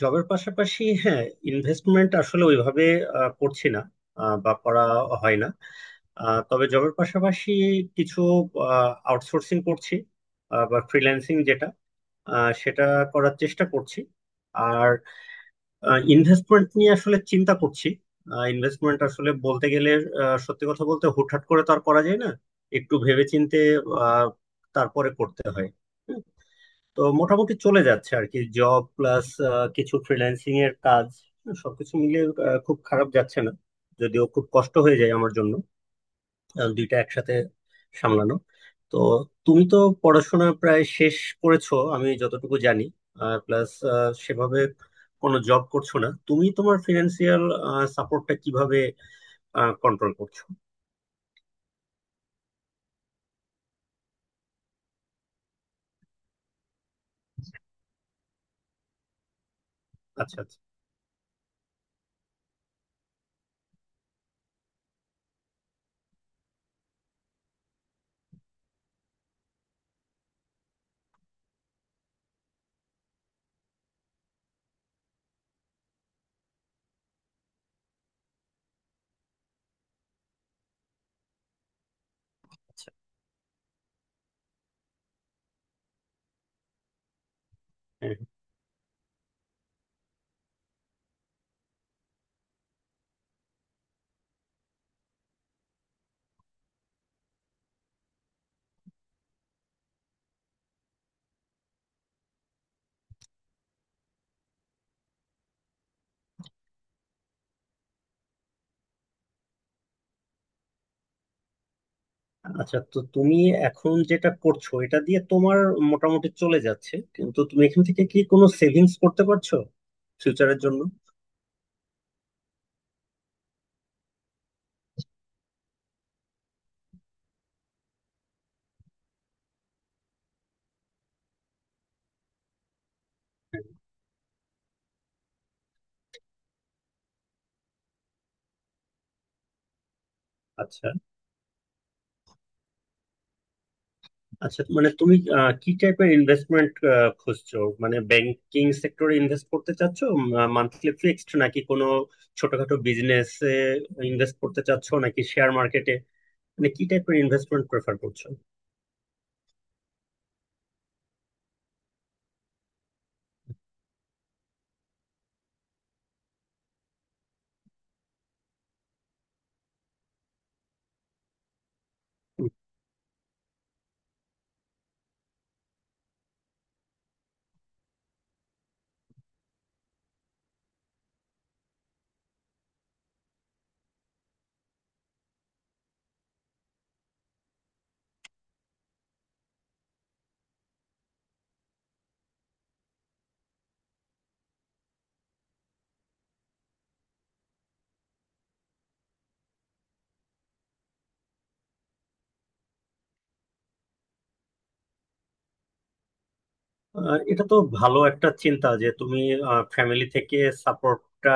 জবের পাশাপাশি, হ্যাঁ। ইনভেস্টমেন্ট আসলে ওইভাবে করছি না, বা করা হয় না। তবে জবের পাশাপাশি কিছু আউটসোর্সিং করছি, বা ফ্রিল্যান্সিং যেটা, সেটা করার চেষ্টা করছি। আর ইনভেস্টমেন্ট নিয়ে আসলে চিন্তা করছি। ইনভেস্টমেন্ট আসলে বলতে গেলে, সত্যি কথা বলতে হুটহাট করে তো আর করা যায় না, একটু ভেবেচিন্তে আহ, তারপরে করতে হয়। তো মোটামুটি চলে যাচ্ছে আর কি, জব প্লাস কিছু ফ্রিল্যান্সিং এর কাজ সবকিছু মিলিয়ে খুব খারাপ যাচ্ছে না। যদিও খুব কষ্ট হয়ে যায় আমার জন্য, দুইটা একসাথে সামলানো। তো তুমি তো পড়াশোনা প্রায় শেষ করেছো আমি যতটুকু জানি, আর প্লাস সেভাবে কোনো জব করছো না। তুমি তোমার ফিনান্সিয়াল সাপোর্টটা কিভাবে কন্ট্রোল করছো? আচ্ছা, আচ্ছা। আচ্ছা, আচ্ছা, তো তুমি এখন যেটা করছো এটা দিয়ে তোমার মোটামুটি চলে যাচ্ছে, কিন্তু তুমি এখান থেকে কি কোনো সেভিংস করতে পারছো ফিউচারের জন্য? আচ্ছা, আচ্ছা মানে তুমি কি টাইপের ইনভেস্টমেন্ট খুঁজছো? মানে ব্যাংকিং সেক্টরে ইনভেস্ট করতে চাচ্ছো, মান্থলি ফিক্সড, নাকি কোনো ছোটখাটো বিজনেসে ইনভেস্ট করতে চাচ্ছো, নাকি শেয়ার মার্কেটে? মানে কি টাইপের ইনভেস্টমেন্ট প্রেফার করছো? এটা তো ভালো একটা চিন্তা যে তুমি ফ্যামিলি থেকে সাপোর্টটা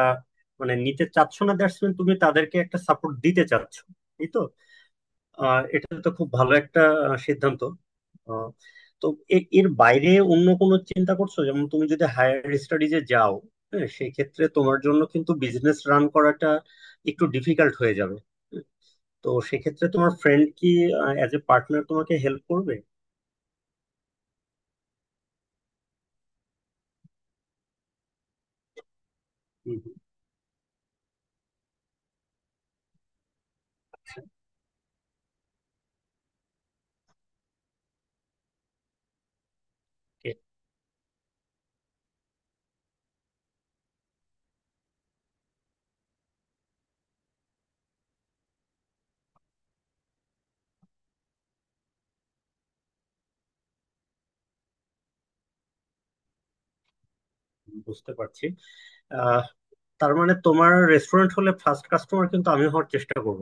মানে নিতে চাচ্ছ না, দ্যাটস মিন তুমি তাদেরকে একটা সাপোর্ট দিতে চাচ্ছ, এই তো। এটা তো খুব ভালো একটা সিদ্ধান্ত। আহ, তো এর বাইরে অন্য কোনো চিন্তা করছো, যেমন তুমি যদি হায়ার স্টাডিজে যাও, হ্যাঁ সেই ক্ষেত্রে তোমার জন্য কিন্তু বিজনেস রান করাটা একটু ডিফিকাল্ট হয়ে যাবে। হুম। তো সেক্ষেত্রে তোমার ফ্রেন্ড কি অ্যাজ এ পার্টনার তোমাকে হেল্প করবে? হুম, হুম, Okay, বুঝতে পারছি। আহ, তার মানে তোমার রেস্টুরেন্ট হলে ফার্স্ট কাস্টমার কিন্তু আমি হওয়ার চেষ্টা করব।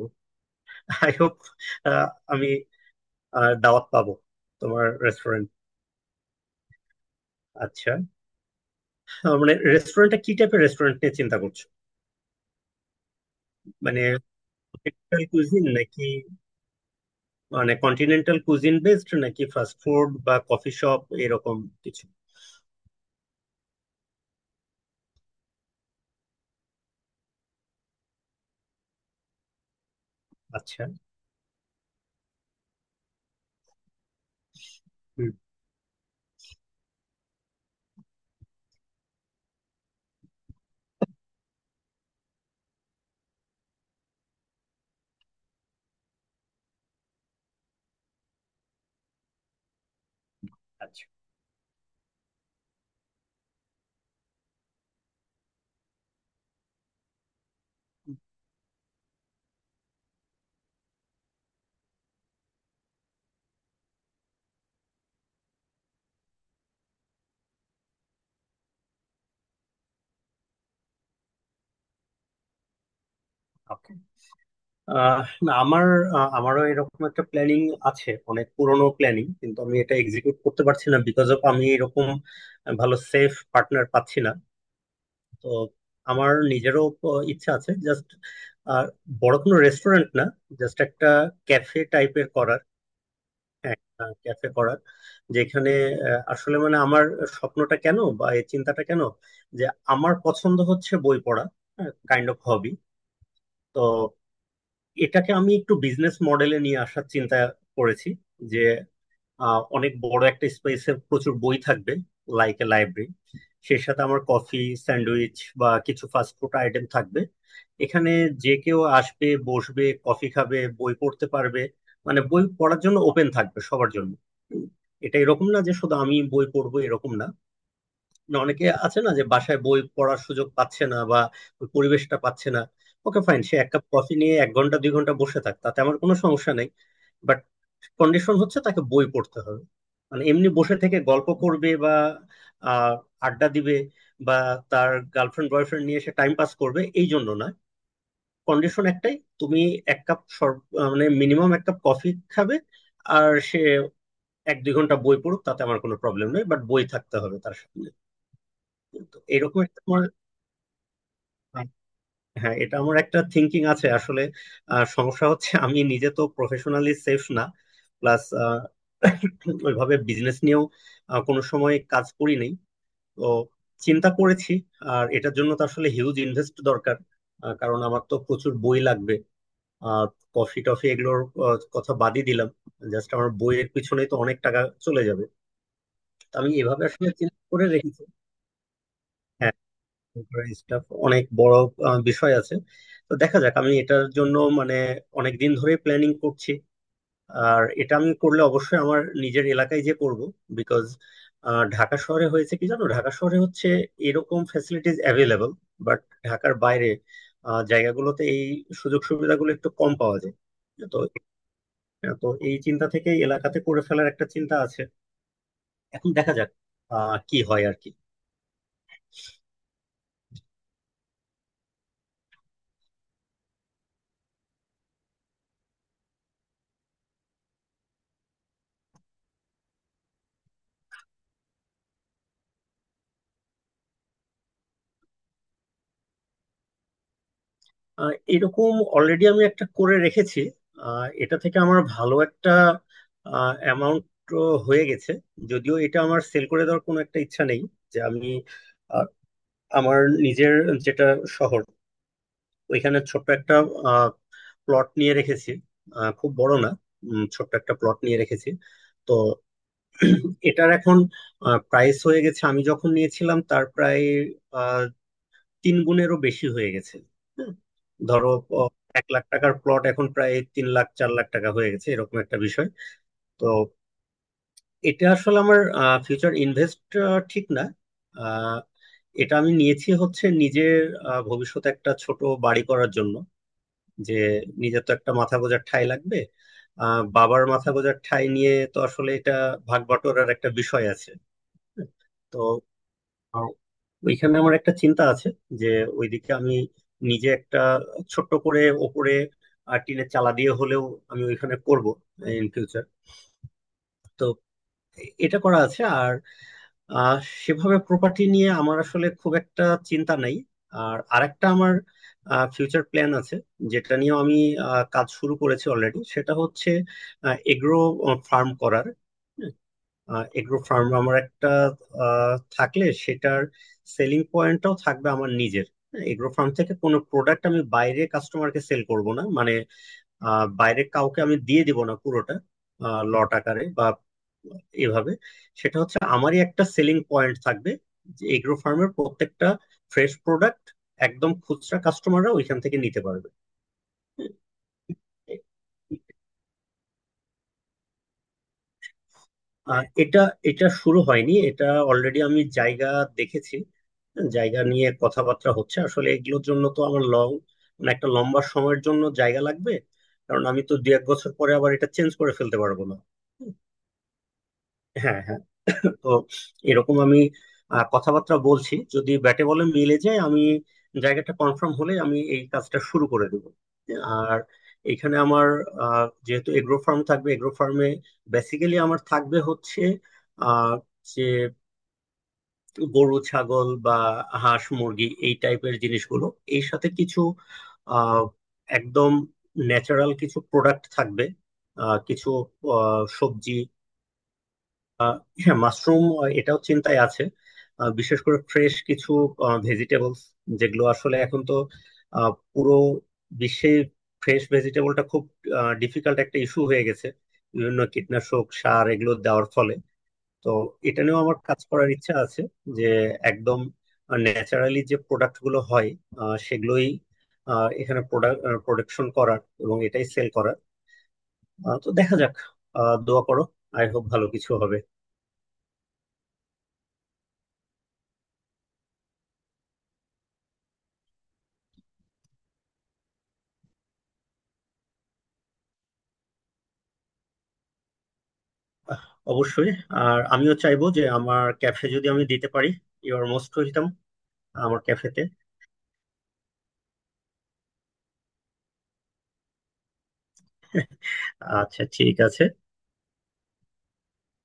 আই হোপ আমি দাওয়াত পাবো তোমার রেস্টুরেন্ট। আচ্ছা, তার মানে রেস্টুরেন্টটা কি টাইপের রেস্টুরেন্ট নিয়ে চিন্তা করছো? মানে ট্রেডিশনাল কুজিন, নাকি মানে কন্টিনেন্টাল কুজিন বেসড, নাকি ফাস্ট ফুড বা কফি শপ এরকম কিছু? আচ্ছা, হুম, আচ্ছা, ওকে। না, আমার আমারও এরকম একটা প্ল্যানিং আছে, অনেক পুরনো প্ল্যানিং, কিন্তু আমি এটা এক্সিকিউট করতে পারছি না বিকজ অফ আমি এরকম ভালো সেফ পার্টনার পাচ্ছি না। তো আমার নিজেরও ইচ্ছা আছে জাস্ট, আর বড় কোনো রেস্টুরেন্ট না, জাস্ট একটা ক্যাফে টাইপের করার, ক্যাফে করার। যেখানে আসলে মানে আমার স্বপ্নটা কেন বা এই চিন্তাটা কেন, যে আমার পছন্দ হচ্ছে বই পড়া, কাইন্ড অফ হবি। তো এটাকে আমি একটু বিজনেস মডেলে নিয়ে আসার চিন্তা করেছি, যে অনেক বড় একটা স্পেসে প্রচুর বই থাকবে, লাইক এ লাইব্রেরি। সেই সাথে আমার কফি, স্যান্ডউইচ বা কিছু ফাস্ট ফুড আইটেম থাকবে এখানে। যে কেউ আসবে, বসবে, কফি খাবে, বই পড়তে পারবে। মানে বই পড়ার জন্য ওপেন থাকবে সবার জন্য। উম, এটা এরকম না যে শুধু আমি বই পড়বো, এরকম না। না, অনেকে আছে না যে বাসায় বই পড়ার সুযোগ পাচ্ছে না বা ওই পরিবেশটা পাচ্ছে না। ওকে, ফাইন, সে এক কাপ কফি নিয়ে 1 ঘন্টা 2 ঘন্টা বসে থাক, তাতে আমার কোনো সমস্যা নেই। বাট কন্ডিশন হচ্ছে তাকে বই পড়তে হবে। মানে এমনি বসে থেকে গল্প করবে বা আহ, আড্ডা দিবে বা তার গার্লফ্রেন্ড বয়ফ্রেন্ড নিয়ে সে টাইম পাস করবে, এই জন্য না। কন্ডিশন একটাই, তুমি এক কাপ মানে মিনিমাম এক কাপ কফি খাবে আর সে এক দুই ঘন্টা বই পড়ুক, তাতে আমার কোনো প্রবলেম নেই, বাট বই থাকতে হবে তার সামনে। তো এরকম একটা তোমার। হ্যাঁ, এটা আমার একটা থিঙ্কিং আছে আসলে। সমস্যা হচ্ছে আমি নিজে তো প্রফেশনালি সেফ না, প্লাস ওইভাবে বিজনেস নিয়েও কোনো সময় কাজ করি নাই। তো চিন্তা করেছি, আর এটার জন্য তো আসলে হিউজ ইনভেস্ট দরকার, কারণ আমার তো প্রচুর বই লাগবে, আর কফি টফি এগুলোর কথা বাদই দিলাম, জাস্ট আমার বইয়ের পিছনেই তো অনেক টাকা চলে যাবে। তো আমি এভাবে আসলে চিন্তা করে রেখেছি। হ্যাঁ, স্টাফ অনেক বড় বিষয় আছে। তো দেখা যাক, আমি এটার জন্য মানে অনেক দিন ধরে প্ল্যানিং করছি, আর এটা আমি করলে অবশ্যই আমার নিজের এলাকায় যে করব, বিকজ ঢাকা শহরে হয়েছে কি জানো, ঢাকা শহরে হচ্ছে এরকম ফ্যাসিলিটিস অ্যাভেলেবল, বাট ঢাকার বাইরে জায়গাগুলোতে এই সুযোগ সুবিধাগুলো একটু কম পাওয়া যায়। তো তো এই চিন্তা থেকে এলাকাতে করে ফেলার একটা চিন্তা আছে। এখন দেখা যাক কি হয় আর কি। এরকম অলরেডি আমি একটা করে রেখেছি, এটা থেকে আমার ভালো একটা অ্যামাউন্ট হয়ে গেছে। যদিও এটা আমার সেল করে দেওয়ার কোনো একটা ইচ্ছা নেই, যে আমি আহ, আমার নিজের যেটা শহর, ওইখানে ছোট্ট একটা প্লট নিয়ে রেখেছি, খুব বড় না, ছোট্ট একটা প্লট নিয়ে রেখেছি। তো এটার এখন প্রাইস হয়ে গেছে আমি যখন নিয়েছিলাম তার প্রায় তিন গুণেরও বেশি হয়ে গেছে। হ্যাঁ, ধরো 1 লাখ টাকার প্লট এখন প্রায় 3 লাখ 4 লাখ টাকা হয়ে গেছে, এরকম একটা বিষয়। তো এটা আসলে আমার ফিউচার ইনভেস্ট ঠিক না, আহ, এটা আমি নিয়েছি হচ্ছে নিজের ভবিষ্যতে একটা ছোট বাড়ি করার জন্য, যে নিজের তো একটা মাথা গোঁজার ঠাঁই লাগবে। বাবার মাথা গোঁজার ঠাঁই নিয়ে তো আসলে এটা ভাগ বটোয়ারার একটা বিষয় আছে। তো ওইখানে আমার একটা চিন্তা আছে যে ওইদিকে আমি নিজে একটা ছোট্ট করে ওপরে আর টিনের চালা দিয়ে হলেও আমি ওইখানে করব ইন ফিউচার। তো এটা করা আছে, আর আহ, সেভাবে প্রপার্টি নিয়ে আমার আসলে খুব একটা চিন্তা নাই। আর আরেকটা আমার ফিউচার প্ল্যান আছে যেটা নিয়ে আমি কাজ শুরু করেছি অলরেডি, সেটা হচ্ছে এগ্রো ফার্ম করার। এগ্রো ফার্ম আমার একটা থাকলে সেটার সেলিং পয়েন্টটাও থাকবে আমার নিজের। হ্যাঁ, এগ্রো ফার্ম থেকে কোনো প্রোডাক্ট আমি বাইরে কাস্টমারকে সেল করব না, মানে বাইরে কাউকে আমি দিয়ে দিব না পুরোটা লট আকারে বা এভাবে। সেটা হচ্ছে আমারই একটা সেলিং পয়েন্ট থাকবে, যে এগ্রো ফার্মের প্রত্যেকটা ফ্রেশ প্রোডাক্ট একদম খুচরা কাস্টমাররা ওইখান থেকে নিতে পারবে। আর এটা এটা শুরু হয়নি, এটা অলরেডি আমি জায়গা দেখেছি, জায়গা নিয়ে কথাবার্তা হচ্ছে। আসলে এগুলোর জন্য তো আমার লং, মানে একটা লম্বা সময়ের জন্য জায়গা লাগবে, কারণ আমি তো দু এক বছর পরে আবার এটা চেঞ্জ করে ফেলতে পারবো না। হ্যাঁ, হ্যাঁ। তো এরকম আমি কথাবার্তা বলছি, যদি ব্যাটে বলে মিলে যায় আমি জায়গাটা কনফার্ম হলে আমি এই কাজটা শুরু করে দেব। আর এখানে আমার যেহেতু এগ্রো ফার্ম থাকবে, এগ্রো ফার্মে বেসিক্যালি আমার থাকবে হচ্ছে আহ, যে গরু ছাগল বা হাঁস মুরগি এই টাইপের জিনিসগুলো। এর সাথে কিছু আহ, একদম ন্যাচারাল কিছু প্রোডাক্ট থাকবে, কিছু সবজি। হ্যাঁ মাশরুম, এটাও চিন্তায় আছে। বিশেষ করে ফ্রেশ কিছু ভেজিটেবলস, যেগুলো আসলে এখন তো পুরো বিশ্বে ফ্রেশ ভেজিটেবলটা খুব ডিফিকাল্ট একটা ইস্যু হয়ে গেছে বিভিন্ন কীটনাশক সার এগুলো দেওয়ার ফলে। তো এটা নিয়েও আমার কাজ করার ইচ্ছা আছে, যে একদম ন্যাচারালি যে প্রোডাক্ট গুলো হয়, সেগুলোই এখানে প্রোডাক্ট প্রোডাকশন করার এবং এটাই সেল করার। তো দেখা যাক, দোয়া করো, আই হোপ ভালো কিছু হবে। আহ, অবশ্যই, আর আমিও চাইবো যে আমার ক্যাফে যদি আমি দিতে পারি, ইউ আর মোস্ট ওয়েলকাম আমার ক্যাফেতে। আচ্ছা ঠিক আছে।